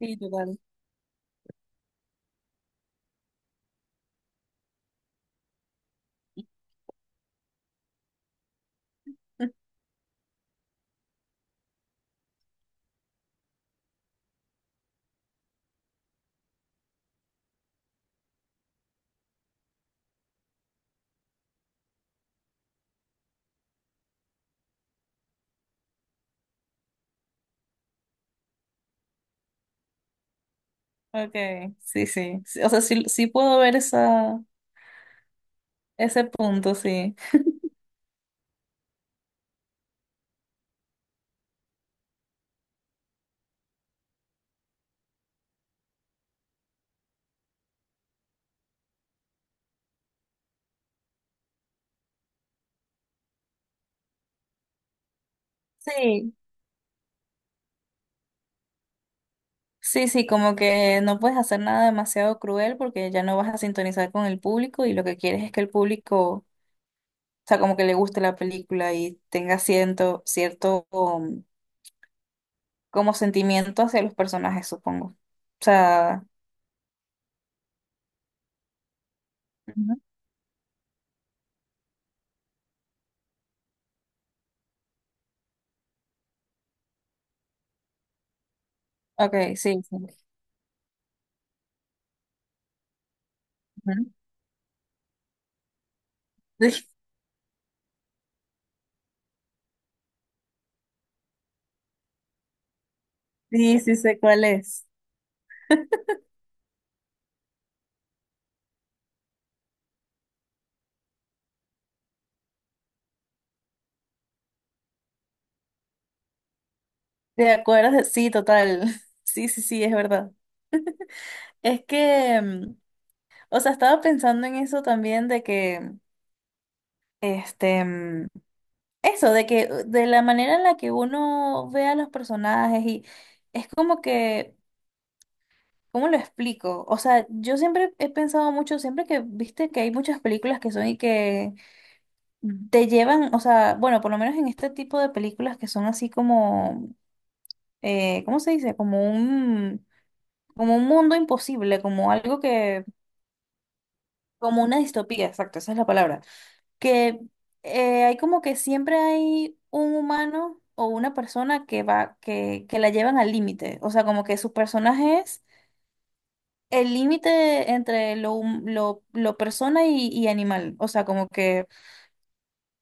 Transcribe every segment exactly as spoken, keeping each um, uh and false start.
Sí, total. Okay, sí, sí. Sí, o sea, sí, sí puedo ver esa, ese punto, sí. Sí, sí, sí, como que no puedes hacer nada demasiado cruel porque ya no vas a sintonizar con el público y lo que quieres es que el público, o sea, como que le guste la película y tenga cierto, cierto um, como sentimiento hacia los personajes, supongo. O sea, ujú, okay, sí, sí. Ujú. Sí, sí, sí sé cuál es. ¿Te acuerdas? de- Sí, total. Sí, sí, sí, es verdad. Es que, mm, o sea, estaba pensando en eso también de que, este, mm, eso, de que, uh, de la manera en la que uno ve a los personajes y es como que, ¿cómo lo explico? O sea, yo siempre he pensado mucho, siempre que, viste que hay muchas películas que son y que te llevan, o sea, bueno, por lo menos en este tipo de películas que son así como, eh, ¿cómo se dice? Como un, como un mundo imposible, como algo que, como una distopía, exacto, esa es la palabra que eh, hay como que siempre hay un humano o una persona que va, que, que la llevan al límite. O sea, como que su personaje es el límite entre lo, hum- lo, lo persona y, y animal. O sea, como que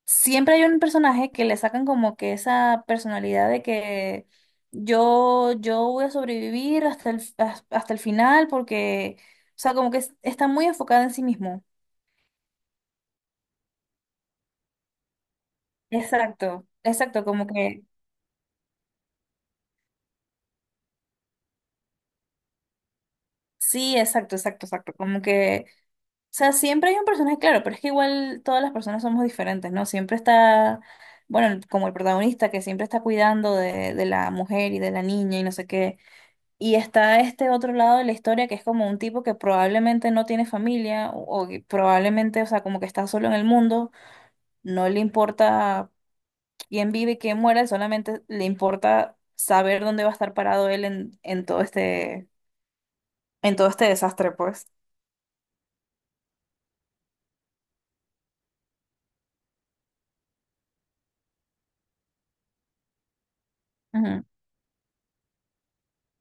siempre hay un personaje que le sacan como que esa personalidad de que yo, yo voy a sobrevivir hasta el, has- hasta el final porque, o sea, como que es- está muy enfocada en sí mismo. Exacto, exacto, como que sí, exacto, exacto, exacto. Como que, o sea, siempre hay un personaje, claro, pero es que igual todas las personas somos diferentes, ¿no? Siempre está, bueno, el- como el protagonista que siempre está cuidando de, de la mujer y de la niña y no sé qué. Y está este otro lado de la historia que es como un tipo que probablemente no tiene familia o, o que probablemente, o sea, como que está solo en el mundo, no le importa quién vive y quién muere, solamente le importa saber dónde va a estar parado él en, en todo este, en todo este desastre, pues.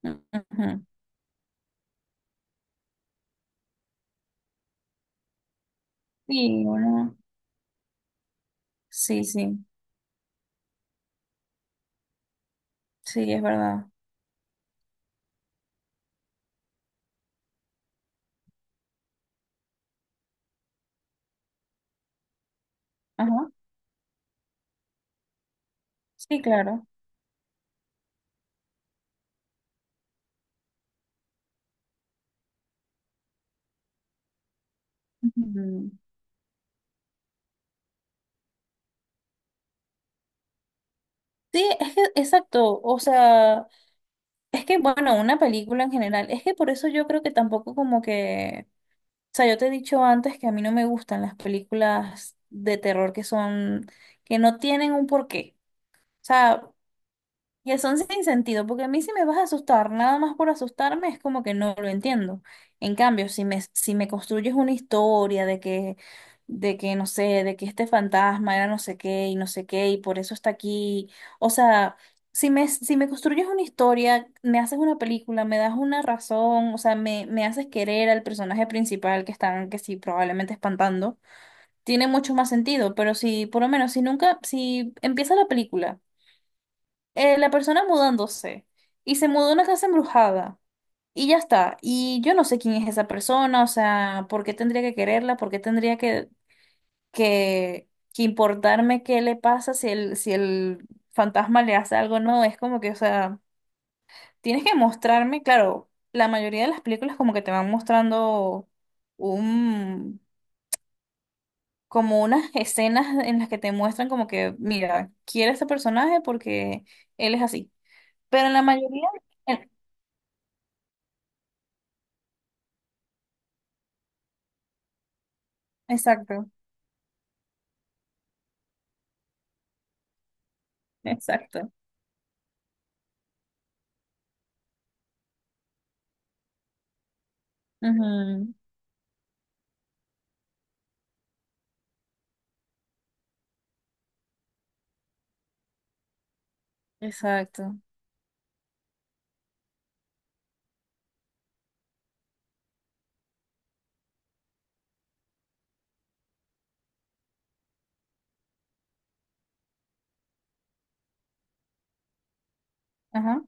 Ujú. Sí, bueno, sí, sí, sí, es verdad. Ajá, sí, claro. Ujú. Sí, es que, exacto, o sea, es que, bueno, una película en general, es que por eso yo creo que tampoco como que, o sea, yo te he dicho antes que a mí no me gustan las películas de terror que son, que no tienen un porqué. O sea, que son sin sentido, porque a mí si me vas a asustar, nada más por asustarme, es como que no lo entiendo. En cambio, si me, si me construyes una historia de que, de que, no sé, de que este fantasma era no sé qué y no sé qué y por eso está aquí, o sea, si me, si me construyes una historia, me haces una película, me das una razón, o sea, me, me haces querer al personaje principal que están, que sí, probablemente espantando, tiene mucho más sentido, pero si, por lo menos, si nunca, si empieza la película eh, la persona mudándose y se mudó a una casa embrujada y ya está. Y yo no sé quién es esa persona, o sea, ¿por qué tendría que quererla? ¿Por qué tendría que, que, que importarme qué le pasa si el, si el fantasma le hace algo? No, es como que, o sea, tienes que mostrarme, claro, la mayoría de las películas como que te van mostrando un... como unas escenas en las que te muestran como que, mira, quiere a este personaje porque él es así. Pero en la mayoría... En exacto, exacto. Ujú, exacto. Ajá.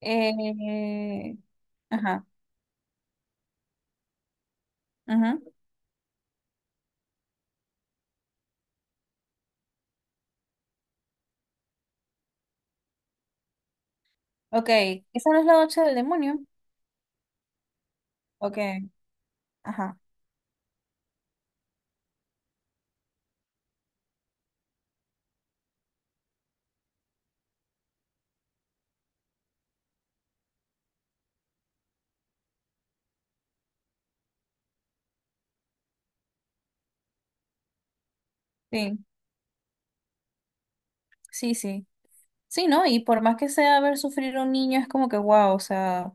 Eh, ajá, ujú. Ok. ¿Esa no es La Noche del Demonio? Ok. Ajá. Sí, sí, sí. Sí, ¿no? Y por más que sea ver sufrir a un niño, es como que wow, o sea,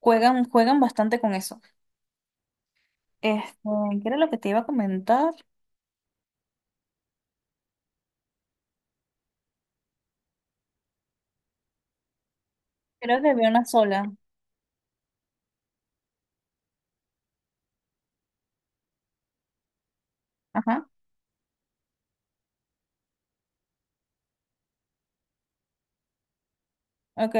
juegan, juegan bastante con eso. Este, ¿qué era lo que te iba a comentar? Creo que vi una sola. Ajá. Ok.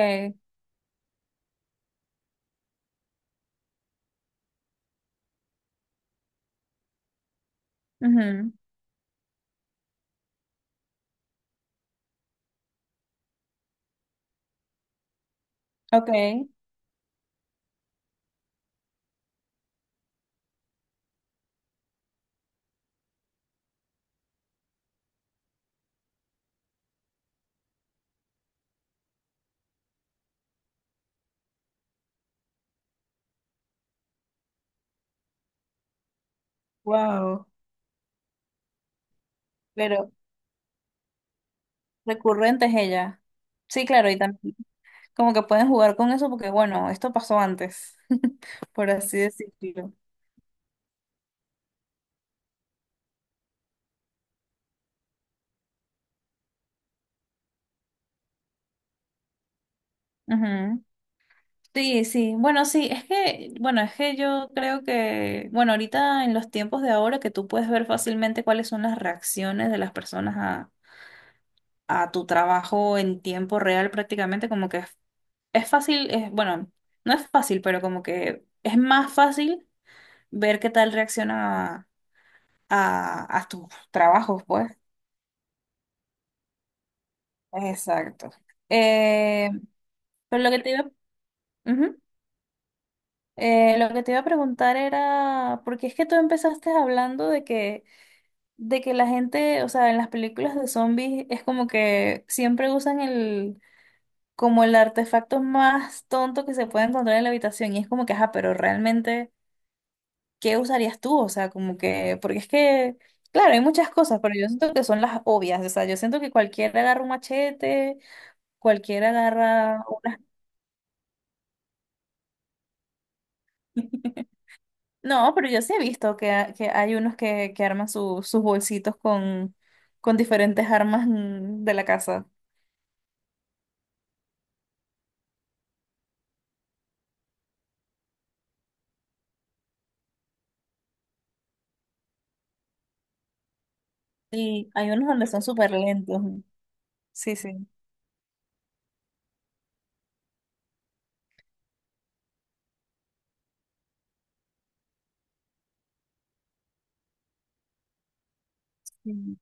Ujú, ok. Wow. Pero recurrente es ella. Sí, claro, y también. Como que pueden jugar con eso porque, bueno, esto pasó antes, por así decirlo. Ujú. Sí, sí, bueno, sí, es que, bueno, es que yo creo que, bueno, ahorita en los tiempos de ahora que tú puedes ver fácilmente cuáles son las reacciones de las personas a, a tu trabajo en tiempo real prácticamente, como que es, es fácil, es, bueno, no es fácil, pero como que es más fácil ver qué tal reacciona a, a tus trabajos, pues. Exacto. Eh, pero lo que te iba a ujú. Eh, lo que te iba a preguntar era, porque es que tú empezaste hablando de que, de que la gente, o sea, en las películas de zombies es como que siempre usan el, como el artefacto más tonto que se puede encontrar en la habitación y es como que, ajá, pero realmente, ¿qué usarías tú? O sea, como que, porque es que, claro, hay muchas cosas, pero yo siento que son las obvias, o sea, yo siento que cualquiera agarra un machete, cualquiera agarra... No, pero yo sí he visto que, ha- que hay unos que, que arman su- sus bolsitos con, con diferentes armas mm, de la casa. Sí, hay unos donde son súper lentos. Sí, sí. Sí.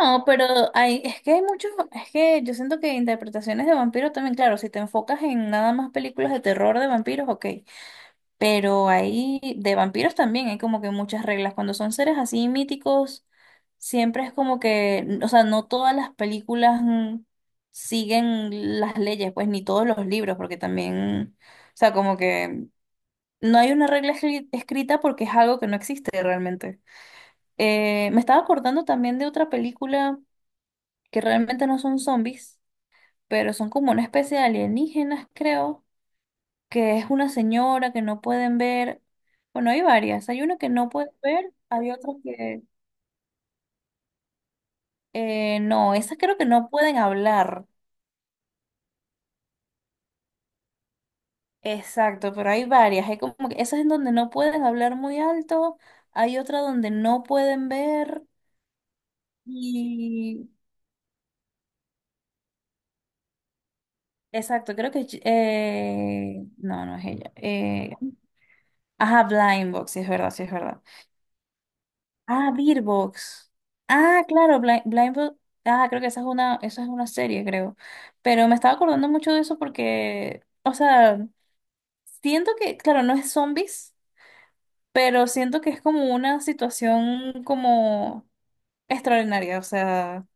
No, pero hay, es que hay muchos, es que yo siento que interpretaciones de vampiros también, claro, si te enfocas en nada más películas de terror de vampiros, ok. Pero ahí de vampiros también hay como que muchas reglas. Cuando son seres así míticos, siempre es como que, o sea, no todas las películas mm, siguen las leyes, pues ni todos los libros, porque también, o sea, como que no hay una regla escri- escrita porque es algo que no existe realmente. Eh, me estaba acordando también de otra película que realmente no son zombies, pero son como una especie de alienígenas, creo que es una señora que no pueden ver. Bueno, hay varias. Hay una que no pueden ver, hay otras que eh, no, esas creo que no pueden hablar. Exacto, pero hay varias. Hay como que esas en donde no pueden hablar muy alto, hay otra donde no pueden ver y exacto, creo que es- eh, no, no es ella. Eh, ajá, Blind Box, sí es verdad, sí es verdad. Ah, Beerbox. Ah, claro, Blind, Blindfold- ah, creo que esa es una, esa es una serie, creo. Pero me estaba acordando mucho de eso porque, o sea, siento que, claro, no es zombies, pero siento que es como una situación como extraordinaria, o sea,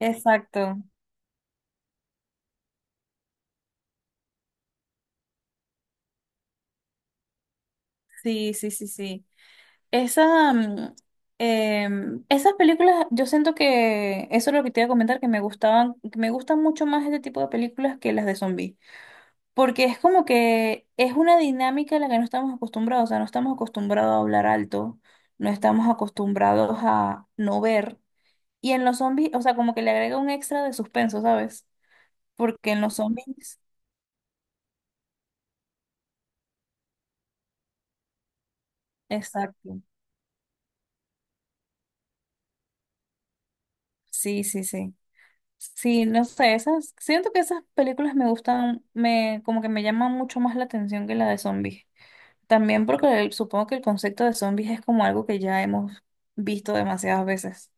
exacto. Sí, sí, sí, sí. Esa, mm, em, esas películas, yo siento que eso es lo que te iba a comentar, que me gustaban, que me gustan mucho más este tipo de películas que las de zombies. Porque es como que es una dinámica a la que no estamos acostumbrados, o sea, no estamos acostumbrados a hablar alto, no estamos acostumbrados a no ver. Y en los zombies, o sea, como que le agrega un extra de suspenso, ¿sabes? Porque en los zombies, exacto. Sí, sí, sí. Sí, no sé, esas, siento que esas películas me gustan, me, como que me llaman mucho más la atención que la de zombies. También porque el- supongo que el concepto de zombies es como algo que ya hemos visto demasiadas veces.